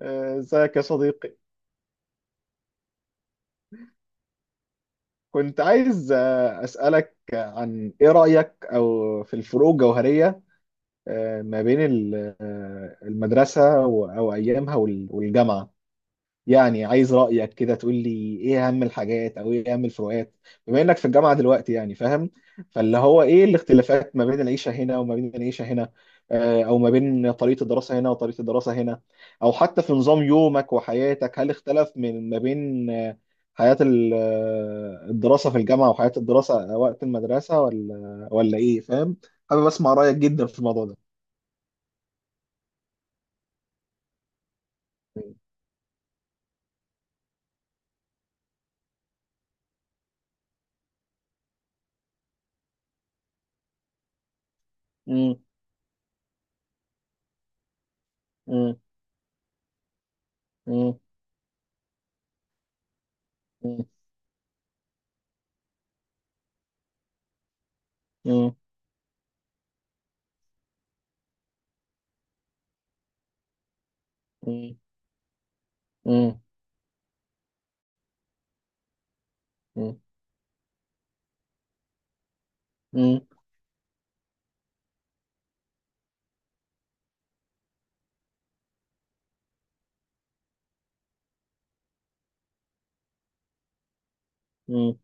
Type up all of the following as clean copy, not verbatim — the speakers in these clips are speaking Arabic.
ازيك يا صديقي. كنت عايز اسالك عن ايه رايك او في الفروق الجوهريه، ما بين المدرسه او ايامها والجامعه. يعني عايز رأيك كده، تقول لي ايه اهم الحاجات او ايه اهم الفروقات، بما انك في الجامعة دلوقتي، يعني فاهم؟ فاللي هو ايه الاختلافات ما بين العيشة هنا وما بين العيشة هنا، او ما بين طريقة الدراسة هنا وطريقة الدراسة هنا، او حتى في نظام يومك وحياتك، هل اختلف من ما بين حياة الدراسة في الجامعة وحياة الدراسة وقت المدرسة، ولا ايه، فاهم؟ حابب اسمع رأيك جدا في الموضوع ده. مم. مم. مم. مم. مم. مم. مم. مم. مم. مم.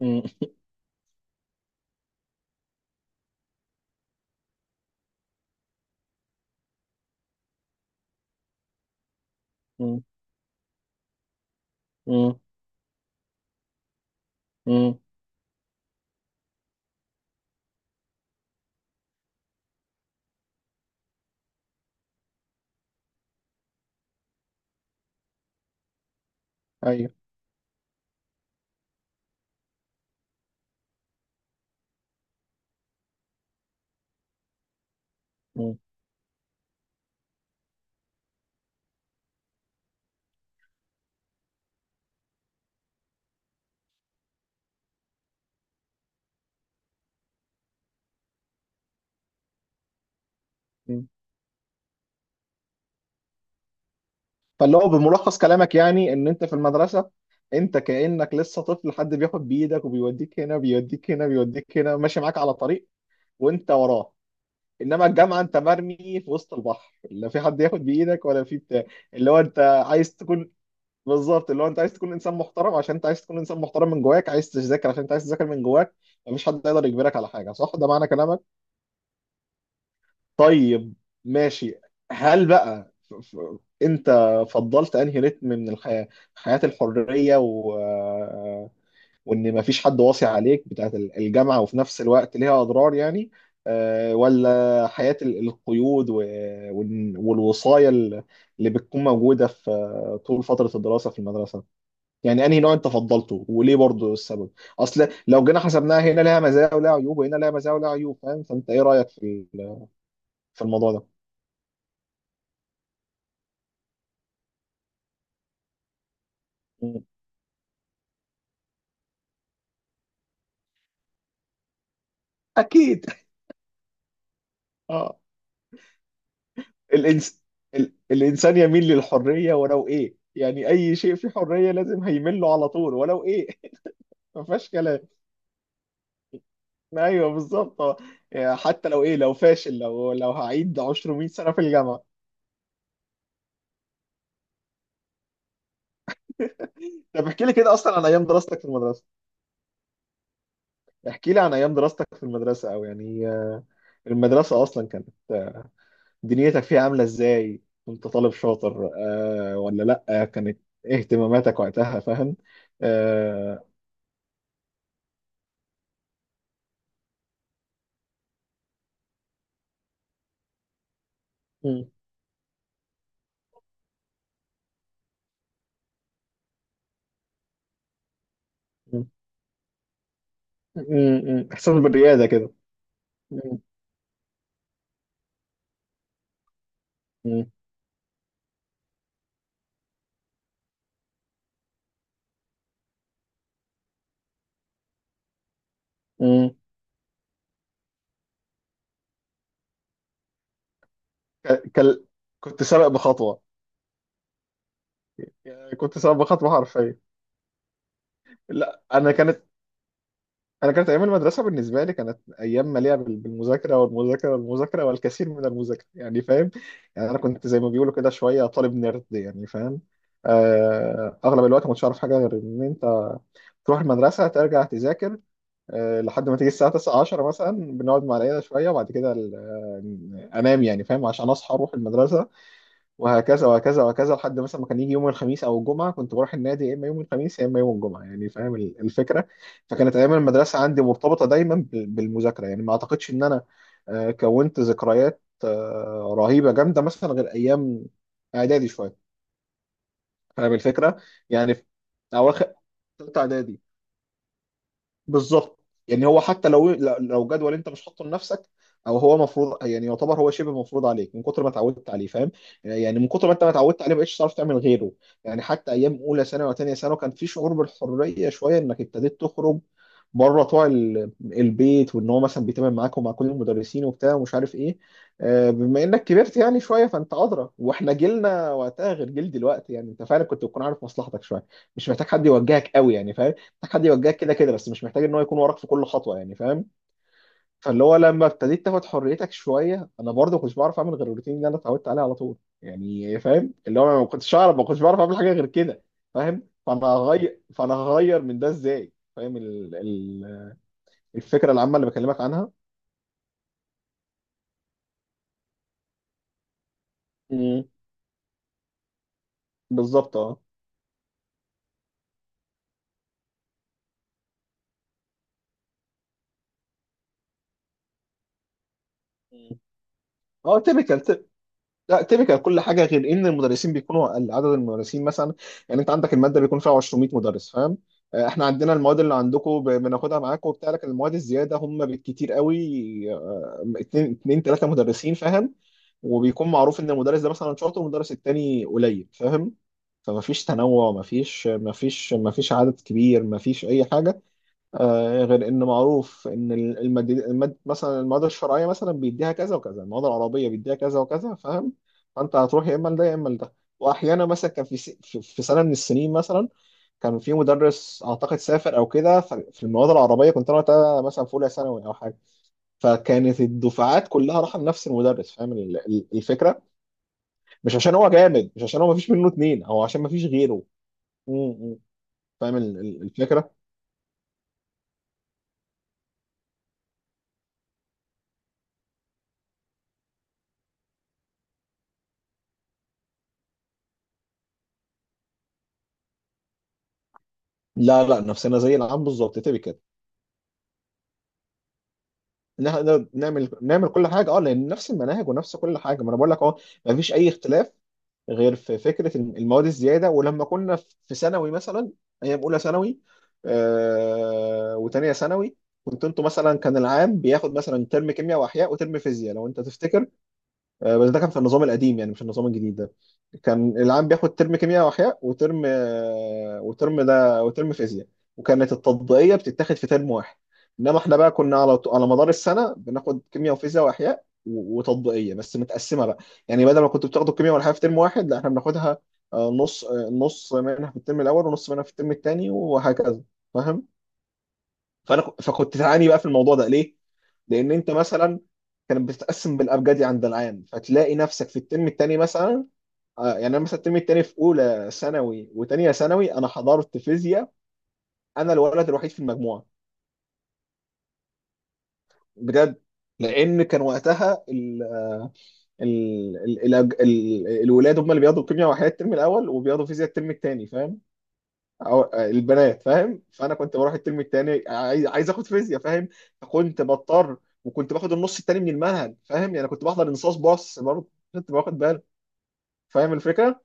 مم. مم. مم. مم. ايوه. مم. مم. فاللي هو بملخص كلامك، يعني ان انت في المدرسه، انت كانك لسه طفل، حد بياخد بايدك وبيوديك هنا، بيوديك هنا، بيوديك هنا، ماشي معاك على طريق وانت وراه. انما الجامعه، انت مرمي في وسط البحر، لا في حد ياخد بايدك ولا في بتاع، اللي هو انت عايز تكون. بالظبط، اللي هو انت عايز تكون انسان محترم عشان انت عايز تكون انسان محترم من جواك، عايز تذاكر عشان انت عايز تذاكر من جواك. مفيش حد يقدر يجبرك على حاجه، صح؟ ده معنى كلامك. طيب، ماشي. هل بقى انت فضلت انهي رتم من الحياة؟ حياة الحرية وان مفيش حد واصي عليك، بتاعت الجامعة، وفي نفس الوقت ليها اضرار يعني، ولا حياة القيود والوصاية اللي بتكون موجودة في طول فترة الدراسة في المدرسة؟ يعني انهي نوع انت فضلته، وليه برضو السبب؟ اصل لو جينا حسبناها، هنا لها مزايا ولها عيوب وهنا لها مزايا ولها عيوب، فاهم؟ فانت ايه رأيك في الموضوع ده؟ اكيد، اه. الإنس... الانسان يميل للحريه، ولو ايه، يعني اي شيء فيه حريه لازم هيميل له على طول، ولو ايه. ما فيهاش كلام. ايوه بالظبط، آه. يعني حتى لو ايه، لو فاشل، لو هعيد عشر 100 سنه في الجامعه. طب احكي لي كده اصلا عن ايام دراستك في المدرسه، احكي لي عن ايام دراستك في المدرسه، او يعني، المدرسه اصلا كانت، دنيتك فيها عامله ازاي؟ كنت طالب شاطر آه ولا لا؟ كانت إيه اهتماماتك وقتها، فاهم؟ آه... أمم. احساس بالرياده كده. أمم. أمم. أمم. ك- كل... كنت سابق بخطوه. يعني كنت سابق بخطوه حرفيا. لا، انا كانت ايام المدرسه بالنسبه لي كانت ايام مليئه بالمذاكره والمذاكره والمذاكره والكثير من المذاكره، يعني فاهم؟ يعني انا كنت زي ما بيقولوا كده شويه طالب نيرد، يعني فاهم؟ اغلب الوقت ما كنتش عارف حاجه غير ان انت تروح المدرسه ترجع تذاكر، لحد ما تيجي الساعه 9 10 مثلا، بنقعد مع العيله شويه وبعد كده انام يعني، فاهم؟ عشان اصحى اروح المدرسه، وهكذا وهكذا وهكذا، لحد مثلا ما كان يجي يوم الخميس او الجمعه كنت بروح النادي، يا اما يوم الخميس يا اما يوم الجمعه، يعني فاهم الفكره؟ فكانت ايام المدرسه عندي مرتبطه دايما بالمذاكره، يعني ما اعتقدش ان انا كونت ذكريات رهيبه جامده مثلا، غير ايام اعدادي شويه. فاهم الفكره؟ يعني في اواخر ثالثه اعدادي. بالظبط. يعني هو حتى لو، جدول انت مش حاطه لنفسك، او هو مفروض يعني، يعتبر هو شبه مفروض عليك من كتر ما اتعودت عليه، فاهم؟ يعني من كتر ما انت ما اتعودت عليه، ما بقتش تعرف تعمل غيره. يعني حتى ايام اولى ثانوي وثانيه ثانوي كان في شعور بالحريه شويه، انك ابتديت تخرج بره طوع البيت، وان هو مثلا بيتعامل معاك ومع كل المدرسين وبتاع ومش عارف ايه، بما انك كبرت يعني شويه، فانت ادرى، واحنا جيلنا وقتها غير جيل دلوقتي، يعني انت فعلا كنت بتكون عارف مصلحتك شويه. مش محتاج حد يوجهك قوي يعني، فاهم؟ محتاج حد يوجهك كده كده بس، مش محتاج ان هو يكون وراك في كل خطوه، يعني فاهم؟ فاللي هو لما ابتديت تاخد حريتك شويه، انا برضه كنتش بعرف اعمل غير الروتين اللي انا اتعودت عليه على طول، يعني فاهم؟ اللي هو ما كنتش اعرف، ما كنتش بعرف اعمل حاجه غير كده، فاهم؟ فانا هغير من ده ازاي، فاهم الفكره العامه اللي بكلمك عنها؟ مم. بالظبط، اه. مم. اه، تيبيكال. لا تيبيكال كل حاجه، غير ان المدرسين بيكونوا اقل، عدد المدرسين مثلا، يعني انت عندك الماده بيكون فيها 200 مدرس، فاهم؟ احنا عندنا المواد اللي عندكم بناخدها معاكم وبتاع، لكن المواد الزياده هم بالكتير قوي اتنين تلاته مدرسين، فاهم؟ وبيكون معروف ان المدرس ده مثلا شاطر والمدرس التاني قليل، فاهم؟ فمفيش تنوع، مفيش عدد كبير، مفيش اي حاجه، غير ان معروف ان مثلا المواد الشرعيه مثلا بيديها كذا وكذا، المواد العربيه بيديها كذا وكذا، فاهم؟ فانت هتروح يا اما لده يا اما لده. واحيانا مثلا كان في س... في في سنه من السنين مثلا، كان في مدرس اعتقد سافر او كده، في المواد العربيه، كنت انا وقتها مثلا في اولى ثانوي او حاجه، فكانت الدفعات كلها رايحه لنفس المدرس، فاهم الفكره؟ مش عشان هو جامد، مش عشان هو مفيش منه اتنين، او عشان مفيش غيره. م- م. فاهم الفكره؟ لا، لا، نفسنا زي العام بالظبط، تبقى نقدر نعمل كل حاجه، اه، لان نفس المناهج ونفس كل حاجه، ما انا بقول لك اهو. ما فيش اي اختلاف، غير في فكره المواد الزياده، ولما كنا في ثانوي مثلا، ايام اولى ثانوي وثانيه ثانوي، كنت انتوا مثلا كان العام بياخد مثلا ترم كيمياء واحياء وترم فيزياء، لو انت تفتكر. بس ده كان في النظام القديم يعني، مش النظام الجديد ده. كان العام بياخد ترم كيمياء واحياء وترم، آه، وترم ده وترم فيزياء، وكانت التطبيقيه بتتاخد في ترم واحد. انما احنا بقى كنا على مدار السنه بناخد كيمياء وفيزياء واحياء وتطبيقيه بس متقسمه بقى. يعني بدل ما كنتوا بتاخدوا الكيمياء والاحياء في ترم واحد، لا، احنا بناخدها نص منها في الترم الاول ونص منها في الترم الثاني وهكذا، فاهم؟ فكنت تعاني بقى في الموضوع ده، ليه؟ لان انت مثلا كانت بتتقسم بالابجدي عند العام، فتلاقي نفسك في الترم الثاني مثلا، يعني انا مثلا الترم الثاني في اولى ثانوي وثانيه ثانوي انا حضرت فيزياء، انا الولد الوحيد في المجموعه، بجد. لان كان وقتها ال الولاد هم اللي بياخدوا كيمياء وحياه الترم الاول وبياخدوا فيزياء الترم الثاني، فاهم؟ أو البنات، فاهم؟ فانا كنت بروح الترم التاني، عايز اخد فيزياء، فاهم؟ فكنت بضطر وكنت باخد النص التاني من المنهج، فاهم؟ يعني كنت بحضر انصاص باص برضه، كنت باخد بالي، فاهم الفكره؟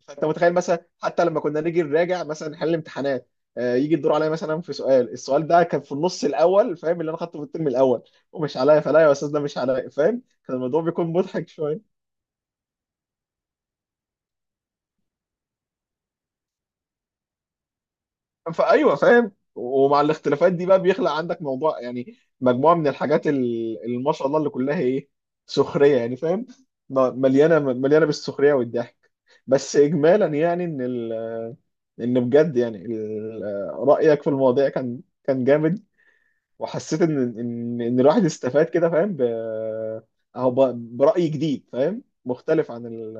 فانت متخيل مثلا، حتى لما كنا نيجي نراجع مثلا نحل امتحانات، يجي الدور عليا مثلا في سؤال، السؤال ده كان في النص الاول، فاهم؟ اللي انا خدته في الترم الاول، ومش عليا، فلا يا استاذ ده مش عليا، فاهم؟ كان الموضوع بيكون مضحك شويه. فايوه فاهم، ومع الاختلافات دي بقى بيخلق عندك موضوع يعني مجموعه من الحاجات اللي ما شاء الله اللي كلها ايه، سخريه يعني، فاهم؟ مليانه مليانه بالسخريه والضحك. بس اجمالا يعني، ان بجد يعني، رايك في المواضيع كان جامد، وحسيت ان الواحد استفاد كده، فاهم؟ اهو ب... براي جديد، فاهم؟ مختلف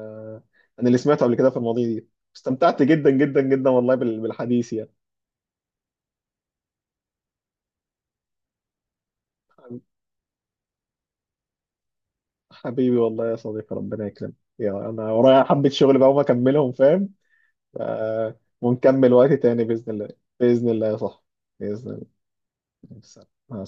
عن اللي سمعته قبل كده في المواضيع دي. استمتعت جدا جدا جدا والله بالحديث يعني. حبيبي والله يا صديقي، ربنا يكرمك. يا، انا ورايا حبة شغل بقى وما اكملهم، فاهم؟ آه، ونكمل وقت تاني بإذن الله. بإذن الله يا صاحبي. بإذن الله. مع السلامة.